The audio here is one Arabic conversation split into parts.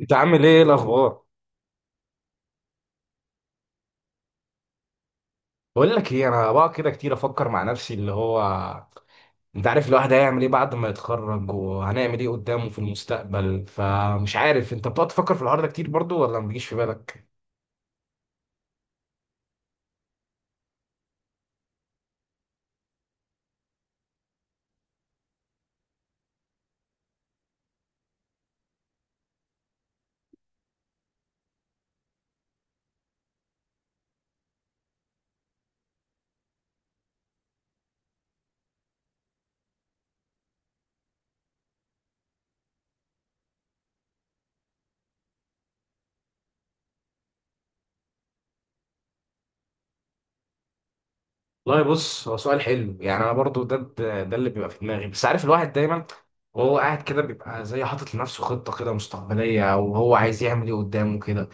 انت عامل ايه الاخبار؟ بقول لك ايه، انا بقى كده كتير افكر مع نفسي اللي هو انت عارف الواحد هيعمل ايه بعد ما يتخرج وهنعمل ايه قدامه في المستقبل، فمش عارف انت بتقعد تفكر في الحوار ده كتير برضو ولا ما بيجيش في بالك؟ والله بص، هو سؤال حلو. يعني انا برضو ده اللي بيبقى في دماغي، بس عارف الواحد دايما وهو قاعد كده بيبقى زي حاطط لنفسه خطة كده مستقبلية او هو عايز يعمل ايه قدامه كده.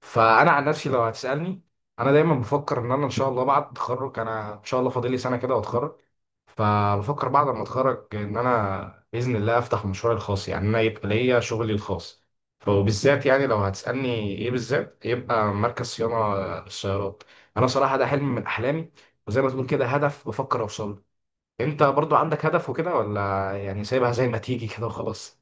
فانا عن نفسي لو هتسألني، انا دايما بفكر ان انا ان شاء الله بعد التخرج، انا ان شاء الله فاضل لي سنة كده واتخرج، فبفكر بعد ما اتخرج ان انا باذن الله افتح مشروعي الخاص، يعني انا يبقى ليا شغلي الخاص. وبالذات يعني لو هتسالني ايه بالذات، يبقى مركز صيانه للسيارات. انا صراحه ده حلم من احلامي وزي ما تقول كده هدف بفكر اوصل له. انت برضو عندك هدف وكده ولا يعني سايبها زي ما تيجي كده وخلاص؟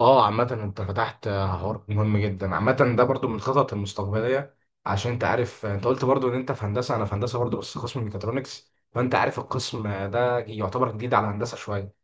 اه، عامة انت فتحت حوار مهم جدا. عامة ده برضو من الخطط المستقبلية، عشان انت عارف انت قلت برضو ان انت في هندسة، انا في هندسة برضو بس قسم ميكاترونكس. فانت عارف القسم ده يعتبر جديد على هندسة شوية،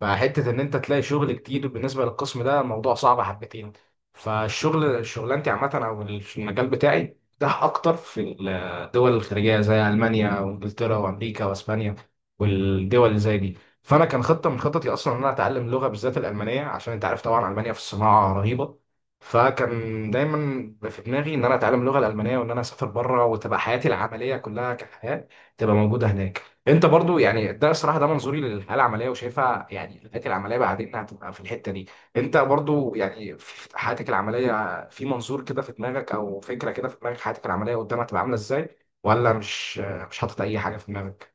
فحتة إن أنت تلاقي شغل كتير بالنسبة للقسم ده الموضوع صعب حبتين. فالشغل شغلانتي عامة أو المجال بتاعي ده أكتر في الدول الخارجية زي ألمانيا وإنجلترا وأمريكا وأسبانيا والدول اللي زي دي. فأنا كان خطة من خططي أصلا إن أنا أتعلم لغة، بالذات الألمانية، عشان أنت عارف طبعا ألمانيا في الصناعة رهيبة. فكان دايما في دماغي إن أنا أتعلم اللغة الألمانية وإن أنا أسافر بره وتبقى حياتي العملية كلها كحياة تبقى موجودة هناك. انت برضو يعني ده الصراحه ده منظوري للحياه العمليه وشايفها يعني الحياه العمليه بعدين هتبقى في الحته دي. انت برضو يعني في حياتك العمليه في منظور كده في دماغك او فكره كده في دماغك حياتك العمليه قدام هتبقى عامله ازاي، ولا مش حاطط اي حاجه في دماغك؟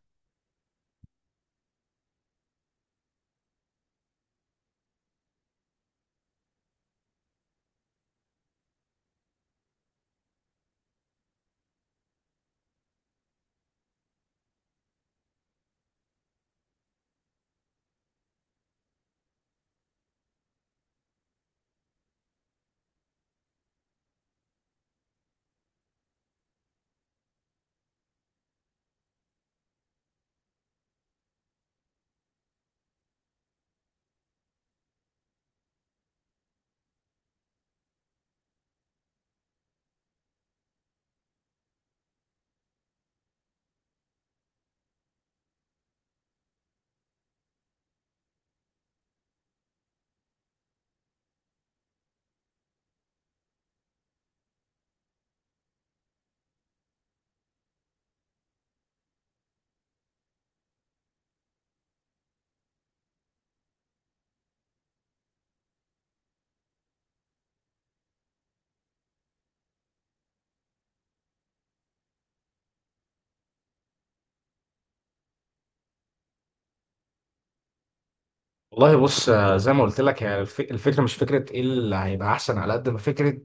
والله بص، زي ما قلت لك هي الفكره مش فكره ايه اللي هيبقى احسن، على قد ما فكره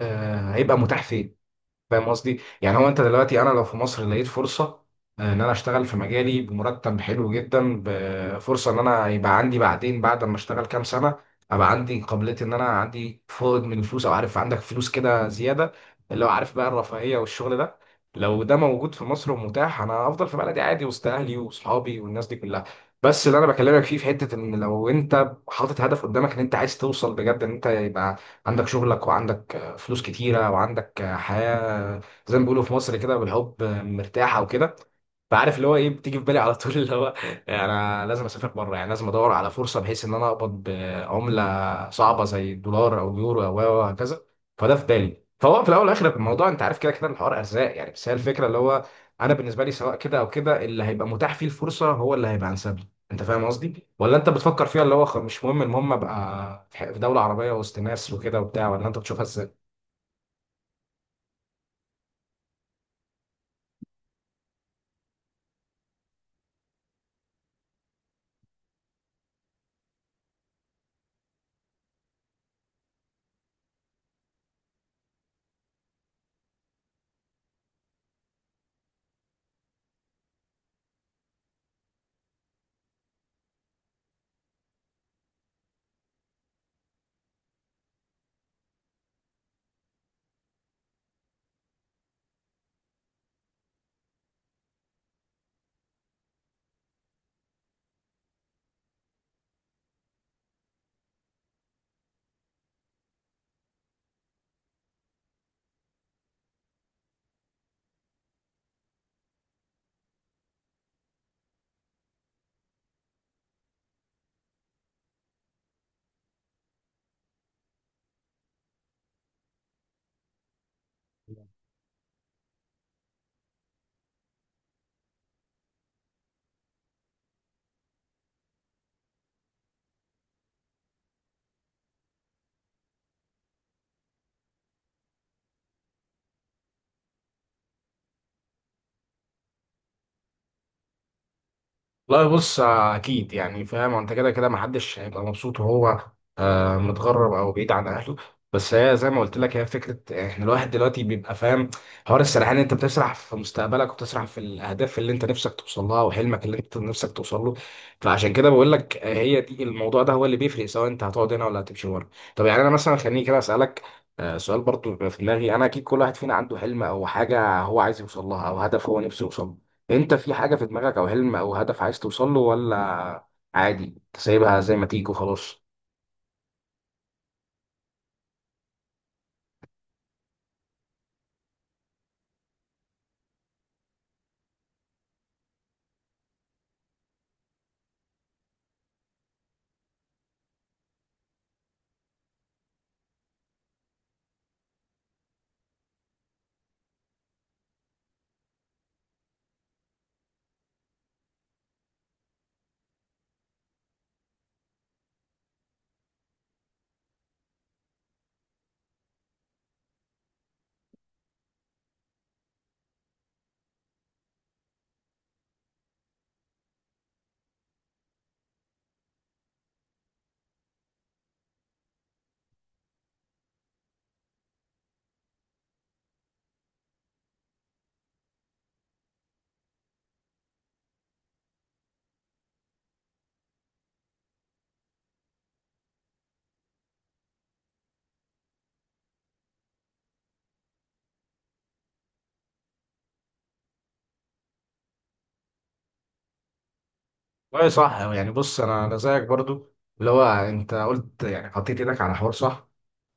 هيبقى متاح فين. فاهم قصدي؟ يعني هو انت دلوقتي، انا لو في مصر لقيت فرصه ان انا اشتغل في مجالي بمرتب حلو جدا بفرصه ان انا يبقى عندي بعدين بعد ما اشتغل كام سنه، ابقى عندي قابليه ان انا عندي فائض من الفلوس، او عارف عندك فلوس كده زياده، اللي هو عارف بقى الرفاهيه والشغل ده، لو ده موجود في مصر ومتاح، انا افضل في بلدي عادي وسط اهلي واصحابي والناس دي كلها. بس اللي انا بكلمك فيه في حته ان لو انت حاطط هدف قدامك ان انت عايز توصل بجد ان انت يبقى عندك شغلك وعندك فلوس كتيره وعندك حياه، زي ما بيقولوا في مصر كده، بالحب مرتاحه وكده. فعارف اللي هو ايه بتيجي في بالي على طول، اللي هو انا لازم اسافر بره، يعني لازم ادور على فرصه بحيث ان انا اقبض بعمله صعبه زي الدولار او اليورو او وهكذا. فده في بالي. فهو في الاول والاخر في الموضوع، انت عارف كده كده الحوار ارزاق يعني، بس هي الفكره اللي هو انا بالنسبه لي سواء كده او كده، اللي هيبقى متاح فيه الفرصه هو اللي هيبقى انسب لي. انت فاهم قصدي ولا انت بتفكر فيها اللي هو مش مهم، المهم ابقى في في دوله عربيه وسط ناس وكده وبتاع، ولا انت بتشوفها؟ لا بص، اكيد يعني فاهم، انت كده كده محدش هيبقى مبسوط وهو متغرب او بعيد عن اهله. بس هي زي ما قلت لك هي فكره احنا الواحد دلوقتي بيبقى فاهم، حوار السرحان، انت بتسرح في مستقبلك وبتسرح في الاهداف اللي انت نفسك توصل لها وحلمك اللي انت نفسك توصل له. فعشان كده بقول لك هي دي الموضوع ده هو اللي بيفرق سواء انت هتقعد هنا ولا هتمشي بره. طب يعني انا مثلا خليني كده اسالك سؤال برضو بيبقى في دماغي. انا اكيد كل واحد فينا عنده حلم او حاجه هو عايز يوصل لها او هدف هو نفسه يوصل له. انت في حاجة في دماغك او حلم او هدف عايز توصل له، ولا عادي انت سايبها زي ما تيجي وخلاص؟ والله صح، يعني بص انا انا زيك برضو، اللي هو انت قلت يعني حطيت ايدك على حوار صح،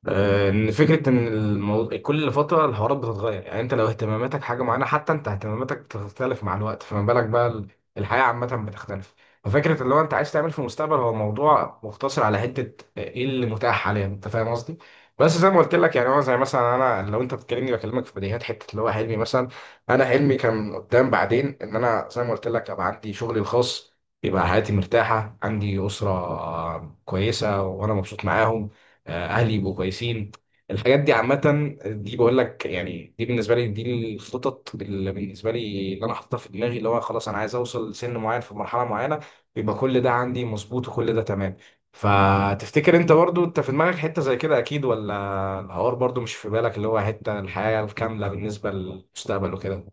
ان فكره ان الموضوع كل فتره الحوارات بتتغير، يعني انت لو اهتماماتك حاجه معينه حتى انت اهتماماتك بتختلف مع الوقت، فما بالك بقى الحياه عامه بتختلف. ففكره اللي هو انت عايز تعمل في المستقبل هو موضوع مقتصر على حته ايه اللي متاح حاليا. انت فاهم قصدي؟ بس زي ما قلت لك يعني، هو زي مثلا انا لو انت بتكلمني بكلمك في بديهيات، حته اللي هو حلمي مثلا، انا حلمي كان قدام بعدين ان انا زي ما قلت لك ابقى عندي شغلي الخاص، يبقى حياتي مرتاحه، عندي اسره كويسه وانا مبسوط معاهم، اهلي يبقوا كويسين. الحاجات دي عامة دي بقول لك، يعني دي بالنسبة لي دي الخطط اللي بالنسبة لي اللي أنا حاططها في دماغي، اللي هو خلاص أنا عايز أوصل لسن معين في مرحلة معينة يبقى كل ده عندي مظبوط وكل ده تمام. فتفتكر أنت برضو أنت في دماغك حتة زي كده أكيد، ولا الحوار برضو مش في بالك اللي هو حتة الحياة الكاملة بالنسبة للمستقبل وكده؟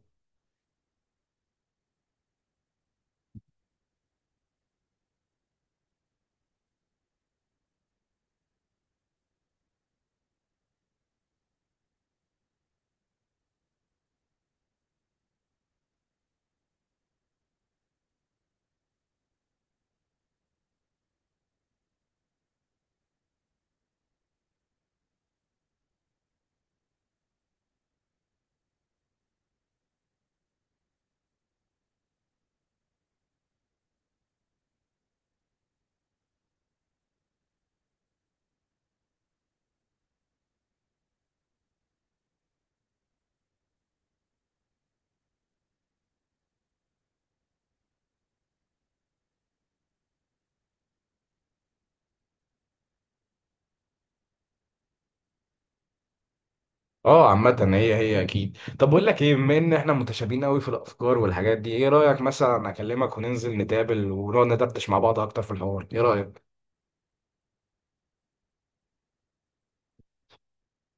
اه، عامة هي هي اكيد. طب بقول لك ايه، بما ان احنا متشابهين قوي في الافكار والحاجات دي، ايه رأيك مثلا اكلمك وننزل نتقابل ونقعد ندردش مع بعض اكتر في الحوار؟ ايه رأيك؟